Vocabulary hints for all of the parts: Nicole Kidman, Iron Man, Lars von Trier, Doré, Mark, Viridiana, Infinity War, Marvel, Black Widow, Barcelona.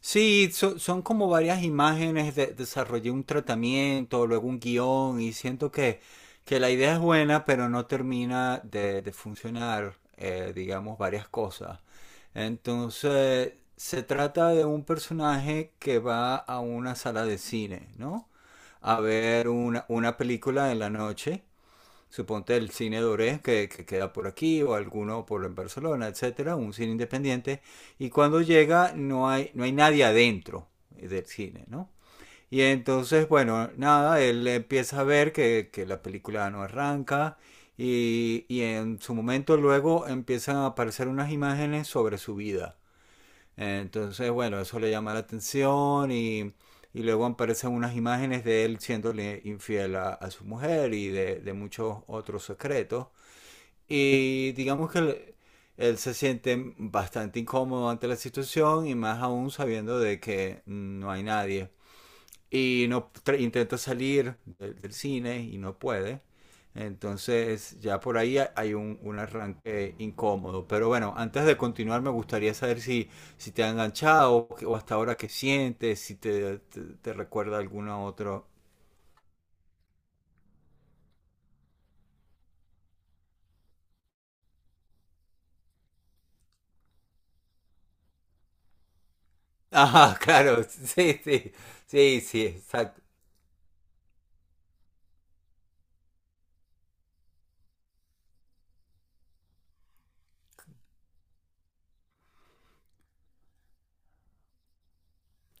Sí, son como varias imágenes, desarrollé un tratamiento, luego un guión y siento que la idea es buena, pero no termina de funcionar, digamos, varias cosas. Entonces, se trata de un personaje que va a una sala de cine, ¿no? A ver una película en la noche. Suponte el cine Doré que queda por aquí o alguno por en Barcelona, etcétera, un cine independiente. Y cuando llega no hay nadie adentro del cine, ¿no? Y entonces, bueno, nada, él empieza a ver que la película no arranca, y en su momento luego empiezan a aparecer unas imágenes sobre su vida. Entonces, bueno, eso le llama la atención y luego aparecen unas imágenes de él siéndole infiel a su mujer y de muchos otros secretos. Y digamos que él se siente bastante incómodo ante la situación y más aún sabiendo de que no hay nadie y no intenta salir del cine y no puede. Entonces ya por ahí hay un arranque incómodo. Pero bueno, antes de continuar me gustaría saber si, te ha enganchado o hasta ahora qué sientes, si te recuerda alguna otra. Ajá, claro, sí, sí, sí, sí, exacto.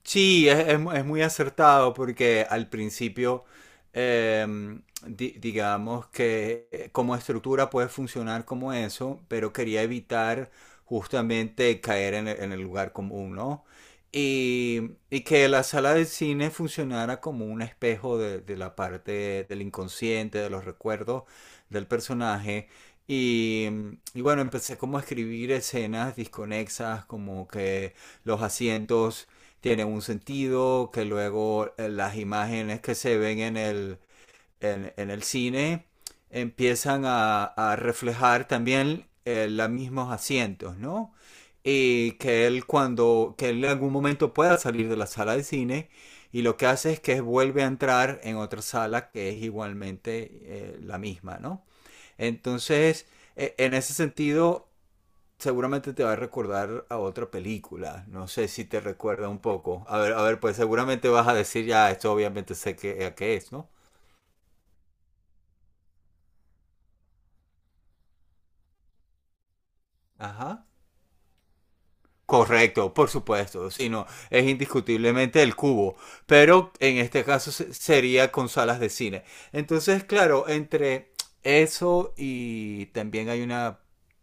Sí, es muy acertado porque al principio, digamos que como estructura puede funcionar como eso, pero quería evitar justamente caer en el lugar común, ¿no? Y que la sala de cine funcionara como un espejo de la parte del inconsciente, de los recuerdos del personaje. Y, y bueno, empecé como a escribir escenas disconexas, como que los asientos tiene un sentido, que luego las imágenes que se ven en el, en el cine empiezan a reflejar también los mismos asientos, ¿no? Y que él en algún momento pueda salir de la sala de cine y lo que hace es que vuelve a entrar en otra sala que es igualmente la misma, ¿no? Entonces, en ese sentido, seguramente te va a recordar a otra película. No sé si te recuerda un poco. A ver, pues seguramente vas a decir ya, esto obviamente sé a qué es, ¿no? Ajá. Correcto, por supuesto, sino es indiscutiblemente el cubo, pero en este caso sería con salas de cine. Entonces, claro, entre eso y también hay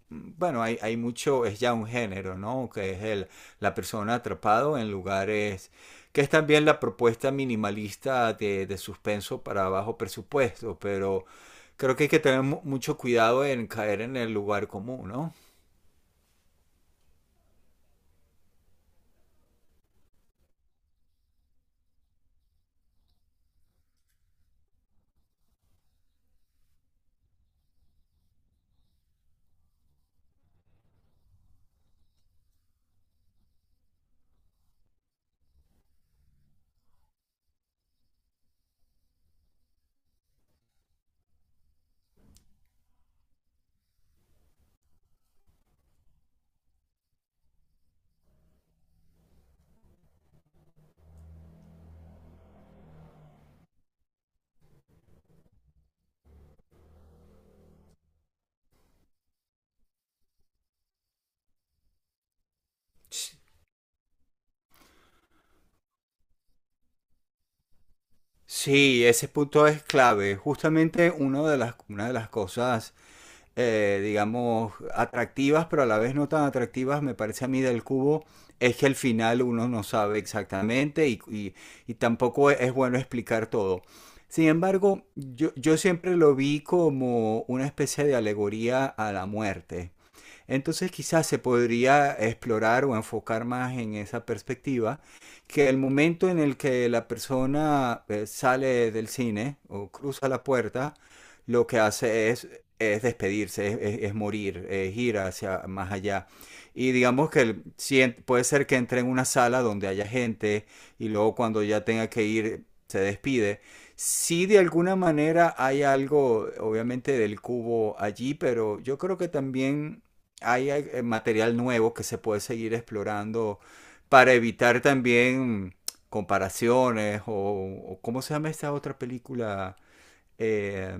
bueno, hay mucho, es ya un género, ¿no? Que es la persona atrapado en lugares, que es también la propuesta minimalista de suspenso para bajo presupuesto, pero creo que hay que tener mucho cuidado en caer en el lugar común, ¿no? Sí, ese punto es clave. Justamente una de las cosas, digamos, atractivas, pero a la vez no tan atractivas, me parece a mí del cubo, es que al final uno no sabe exactamente y tampoco es bueno explicar todo. Sin embargo, yo siempre lo vi como una especie de alegoría a la muerte. Entonces quizás se podría explorar o enfocar más en esa perspectiva, que el momento en el que la persona sale del cine o cruza la puerta, lo que hace es despedirse, es morir, es ir hacia más allá. Y digamos que si en- puede ser que entre en una sala donde haya gente y luego cuando ya tenga que ir se despide. Sí, de alguna manera hay algo, obviamente, del cubo allí, pero yo creo que también hay material nuevo que se puede seguir explorando para evitar también comparaciones o ¿cómo se llama esta otra película eh,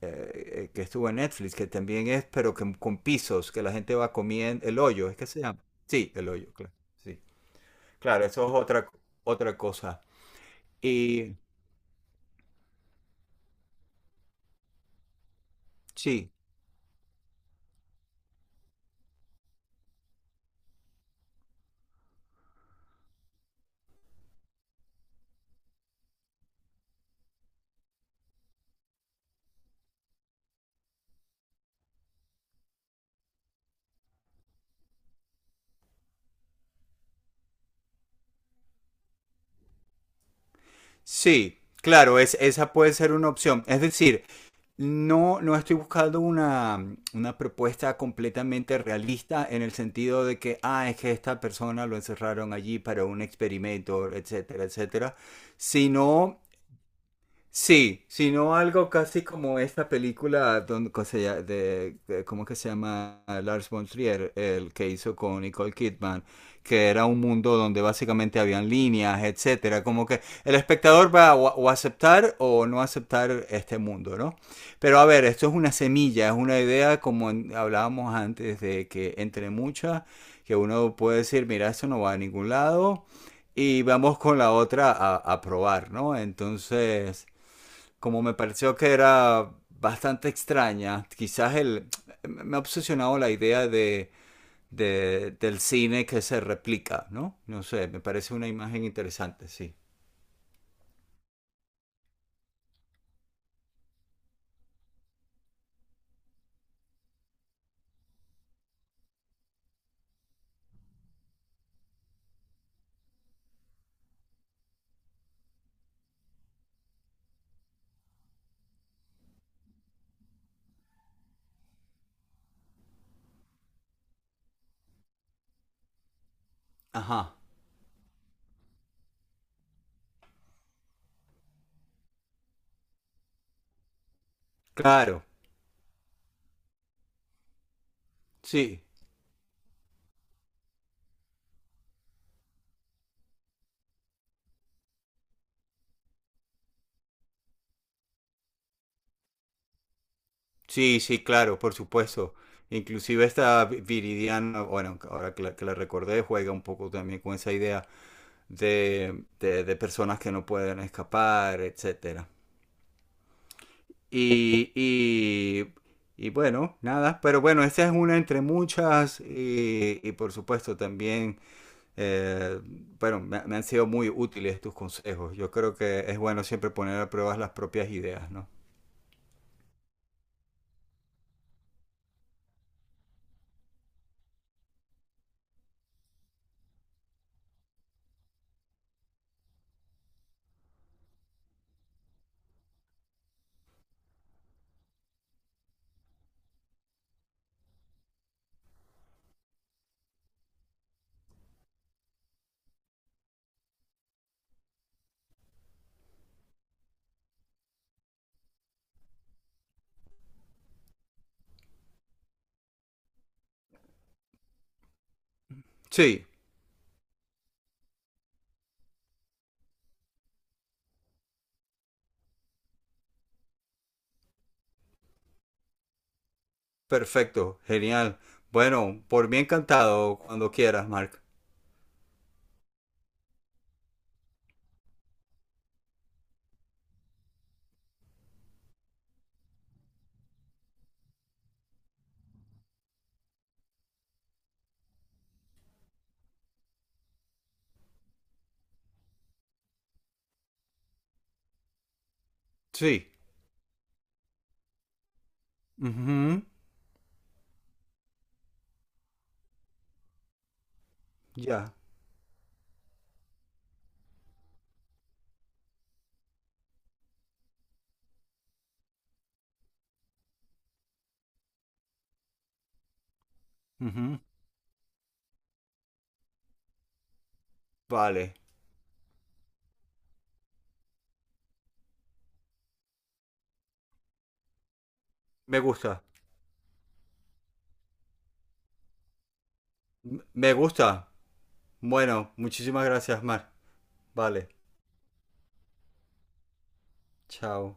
que estuvo en Netflix? Que también es, pero que con pisos, que la gente va comiendo, el hoyo, ¿es que se llama? Sí, el hoyo, claro. Sí. Claro, eso es otra cosa. Y sí, sí, claro, esa puede ser una opción. Es decir, no, no estoy buscando una propuesta completamente realista en el sentido de que, ah, es que esta persona lo encerraron allí para un experimento, etcétera, etcétera, sino. Sí, sino algo casi como esta película donde, ¿cómo que se llama? Lars von Trier, el que hizo con Nicole Kidman, que era un mundo donde básicamente habían líneas, etcétera, como que el espectador va a o aceptar o no aceptar este mundo, ¿no? Pero a ver, esto es una semilla, es una idea como hablábamos antes de que entre muchas, que uno puede decir, mira, esto no va a ningún lado y vamos con la otra a probar, ¿no? Entonces como me pareció que era bastante extraña, quizás me ha obsesionado la idea del cine que se replica, ¿no? No sé, me parece una imagen interesante, sí. Ajá, claro, sí, sí, sí, claro, por supuesto. Inclusive esta Viridiana, bueno, ahora que la recordé, juega un poco también con esa idea de personas que no pueden escapar, etcétera. Y, y, y bueno, nada, pero bueno, esta es una entre muchas y por supuesto también, eh, bueno, me han sido muy útiles tus consejos. Yo creo que es bueno siempre poner a prueba las propias ideas, ¿no? Sí, perfecto, genial. Bueno, por mí encantado, cuando quieras, Mark. Sí. Ujú. Ya. Ujú. Vale. Me gusta. Me gusta. Bueno, muchísimas gracias, Mark. Vale. Chao.